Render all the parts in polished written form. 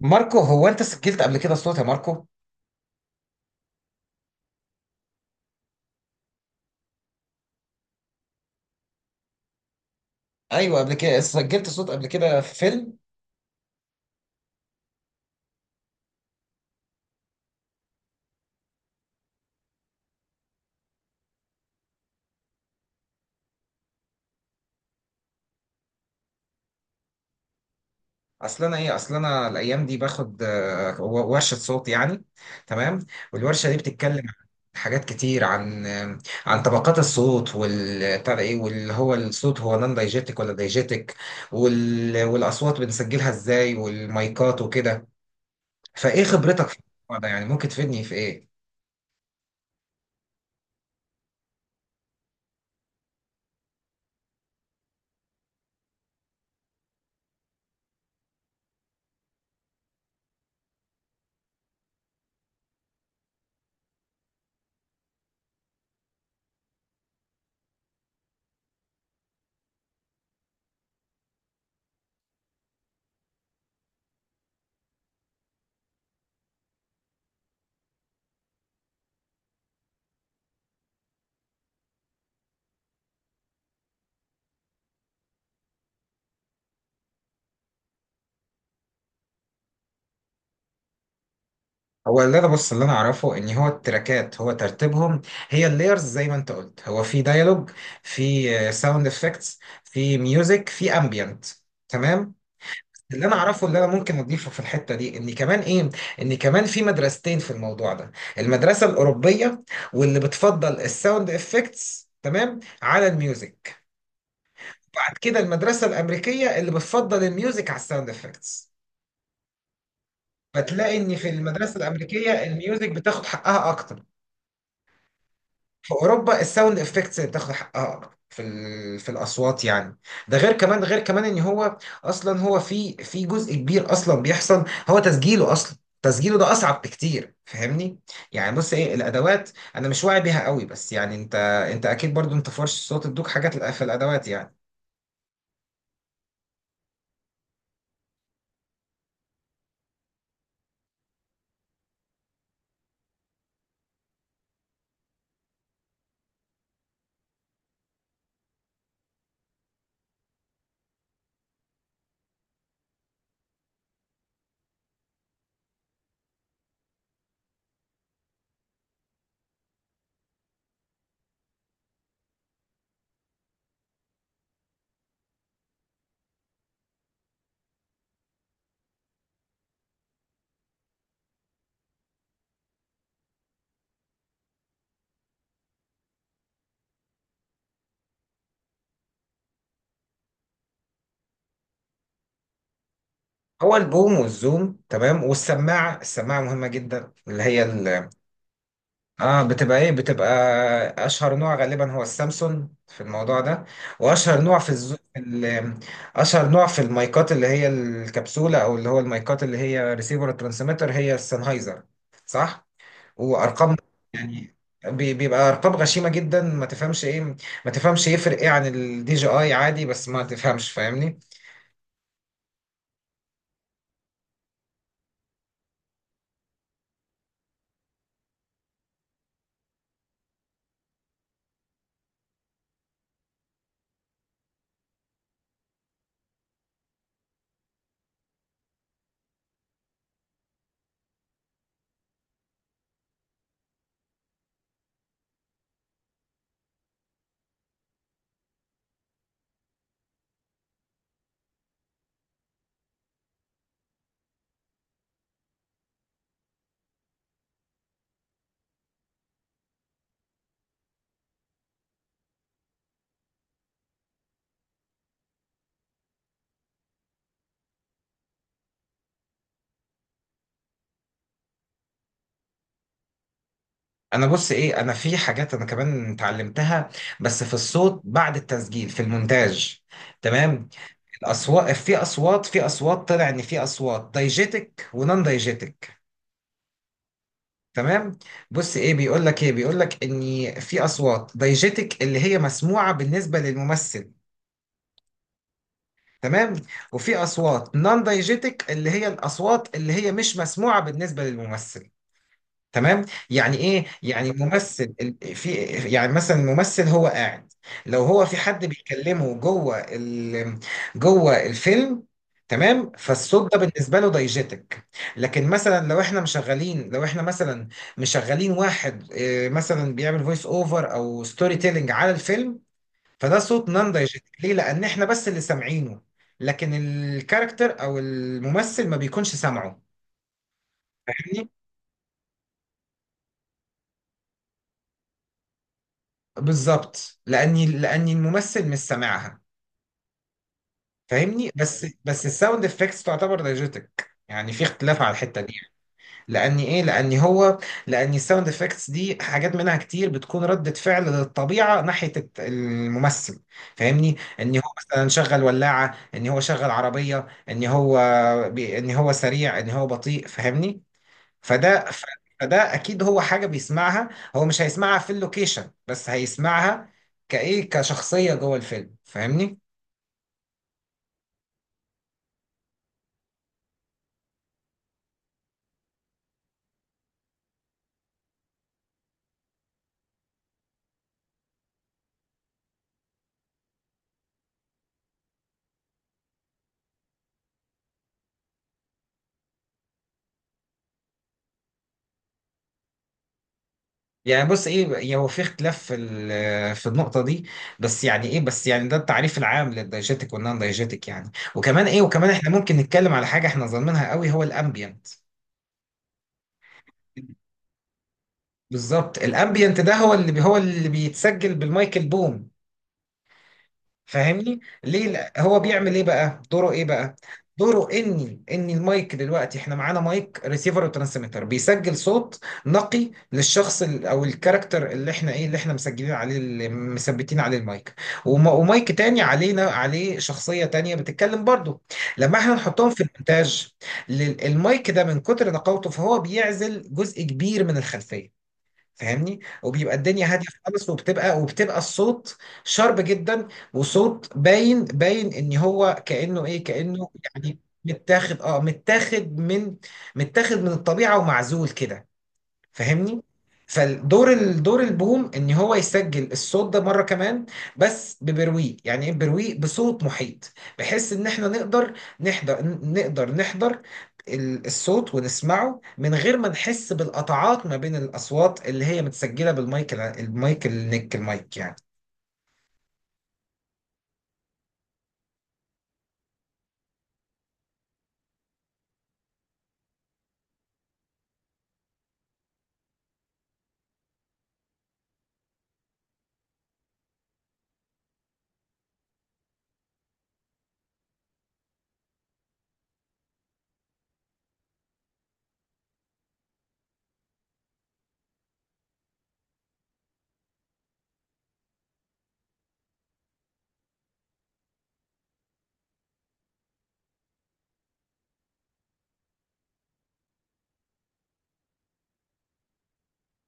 ماركو، هو انت سجلت قبل كده صوت يا ماركو؟ ايوه، قبل كده سجلت صوت قبل كده في فيلم. اصل انا الايام دي باخد ورشه صوت يعني. تمام. والورشه دي بتتكلم عن حاجات كتير، عن عن طبقات الصوت، وال بتاع ده ايه، واللي هو الصوت هو نان دايجيتك ولا دايجيتك، والاصوات بنسجلها ازاي، والمايكات وكده. فايه خبرتك في الموضوع ده يعني، ممكن تفيدني في ايه؟ هو اللي انا بص اللي انا اعرفه ان هو التراكات هو ترتيبهم، هي اللايرز زي ما انت قلت، هو في ديالوج، في ساوند افكتس، في ميوزك، في امبيانت. تمام. اللي انا اعرفه اللي انا ممكن اضيفه في الحته دي ان كمان ايه، ان كمان في مدرستين في الموضوع ده. المدرسه الاوروبيه واللي بتفضل الساوند افكتس تمام على الميوزك. بعد كده المدرسه الامريكيه اللي بتفضل الميوزك على الساوند افكتس. فتلاقي ان في المدرسه الامريكيه الميوزك بتاخد حقها اكتر، في اوروبا الساوند افكتس اللي بتاخد حقها اكتر في في الاصوات يعني. ده غير كمان، غير كمان ان هو اصلا هو في جزء كبير اصلا بيحصل، هو تسجيله اصلا، تسجيله ده اصعب بكتير، فاهمني؟ يعني بص ايه الادوات، انا مش واعي بيها قوي، بس يعني انت اكيد برضو انت فرش الصوت ادوك حاجات في الادوات يعني. هو البوم والزوم تمام، والسماعه، السماعه مهمه جدا اللي هي اه، بتبقى ايه، بتبقى اشهر نوع غالبا هو السامسونج في الموضوع ده. واشهر نوع في اشهر نوع في المايكات اللي هي الكبسولة، او اللي هو المايكات اللي هي ريسيفر ترانسميتر، هي السennheiser. صح. وارقام يعني، بيبقى ارقام غشيمة جدا، ما تفهمش ايه، ما تفهمش يفرق ايه عن الدي جي اي عادي، بس ما تفهمش، فاهمني؟ انا بص ايه، انا في حاجات انا كمان اتعلمتها بس في الصوت بعد التسجيل في المونتاج. تمام. الاصوات، في اصوات، في اصوات طلع ان في اصوات دايجيتك ونون دايجيتك. تمام. بص ايه، بيقول لك ايه، بيقول لك ان في اصوات دايجيتك اللي هي مسموعه بالنسبه للممثل. تمام. وفي اصوات نون دايجيتك اللي هي الاصوات اللي هي مش مسموعه بالنسبه للممثل. تمام. يعني ايه، يعني ممثل ال- في يعني مثلا ممثل هو قاعد، لو هو في حد بيكلمه جوه الفيلم. تمام. فالصوت ده بالنسبه له دايجيتك. لكن مثلا لو احنا مشغلين، لو احنا مثلا مشغلين واحد مثلا بيعمل فويس اوفر او ستوري تيلينج على الفيلم، فده صوت نان دايجيتك. ليه؟ لان احنا بس اللي سامعينه، لكن الكاركتر او الممثل ما بيكونش سامعه، فاهمني؟ بالظبط، لاني الممثل مش سامعها، فاهمني. بس، بس الساوند افكتس تعتبر دايجيتك، يعني في اختلاف على الحته دي. لاني ايه، لاني هو، لاني الساوند افكتس دي حاجات منها كتير بتكون رده فعل للطبيعه ناحيه الممثل، فاهمني؟ ان هو مثلا شغل ولاعه، ان هو شغل عربيه، ان هو ان هو سريع، ان هو بطيء، فاهمني؟ فده ف- فده اكيد هو حاجه بيسمعها، هو مش هيسمعها في اللوكيشن بس هيسمعها كايه، كشخصيه جوه الفيلم، فاهمني؟ يعني بص ايه، يعني هو في اختلاف في في النقطه دي، بس يعني ايه، بس يعني ده التعريف العام للدايجيتك والنون دايجيتك يعني. وكمان ايه، وكمان احنا ممكن نتكلم على حاجه احنا ظالمينها قوي، هو الامبيانت. بالظبط، الامبيانت ده هو هو اللي بيتسجل بالمايك البوم، فاهمني؟ ليه؟ لا هو بيعمل ايه بقى، دوره ايه بقى؟ دوره اني، ان المايك، دلوقتي احنا معانا مايك ريسيفر وترانسميتر بيسجل صوت نقي للشخص او الكاركتر اللي احنا ايه، اللي احنا مسجلين عليه، اللي مثبتين عليه المايك. ومايك تاني علينا، عليه شخصية تانية بتتكلم برضه. لما احنا نحطهم في المونتاج، المايك ده من كتر نقاوته فهو بيعزل جزء كبير من الخلفية، فاهمني، وبيبقى الدنيا هاديه خالص، وبتبقى الصوت شارب جدا، وصوت باين، باين ان هو كانه ايه، كانه يعني متاخد، اه متاخد من، متاخد من الطبيعه ومعزول كده، فاهمني. فالدور، الدور البوم ان هو يسجل الصوت ده مره كمان، بس ببرويق، يعني ايه برويق، بصوت محيط، بحيث ان احنا نقدر نحضر، نقدر نحضر الصوت ونسمعه من غير ما نحس بالقطعات ما بين الاصوات اللي هي متسجله بالمايك المايك النك المايك يعني.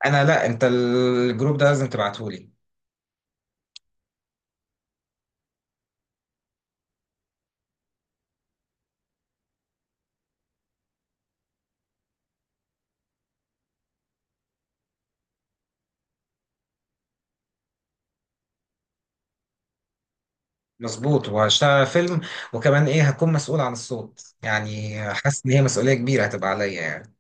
انا لا، انت الجروب ده لازم تبعتهولي. مظبوط، وهشتغل على فيلم، وكمان ايه، هكون مسؤول عن الصوت يعني، حاسس ان هي مسؤوليه كبيره هتبقى عليا يعني.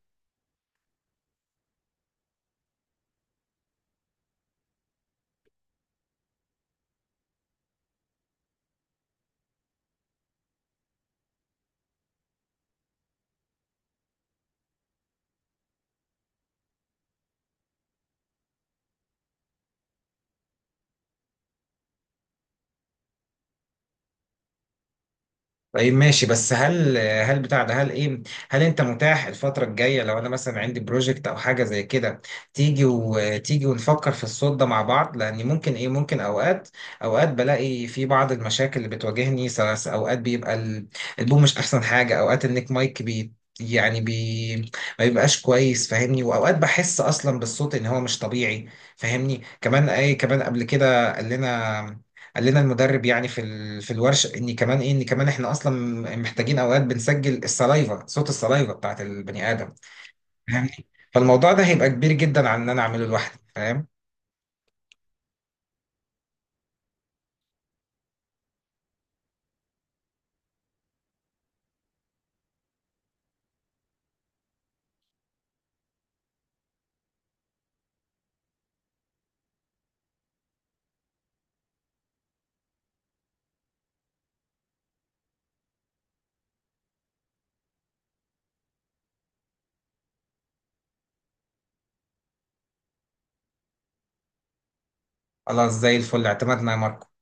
طيب، ماشي، بس هل، هل بتاع ده، هل ايه، هل انت متاح الفترة الجاية لو انا مثلا عندي بروجكت او حاجة زي كده، تيجي ونفكر في الصوت ده مع بعض؟ لان ممكن ايه، ممكن اوقات، اوقات بلاقي في بعض المشاكل اللي بتواجهني سلس، اوقات بيبقى البوم مش احسن حاجة، اوقات النيك مايك بي يعني بي ما بيبقاش كويس، فاهمني، واوقات بحس اصلا بالصوت ان هو مش طبيعي، فاهمني. كمان اي، كمان قبل كده قال لنا، قال لنا المدرب يعني في في الورشه ان كمان ايه، ان كمان احنا اصلا محتاجين اوقات بنسجل السلايفا، صوت السلايفا بتاعت البني ادم، فاهمني. فالموضوع ده هيبقى كبير جدا عن ان انا اعمله لوحدي، فاهم. خلاص، زي الفل، اعتمدنا يا مروة.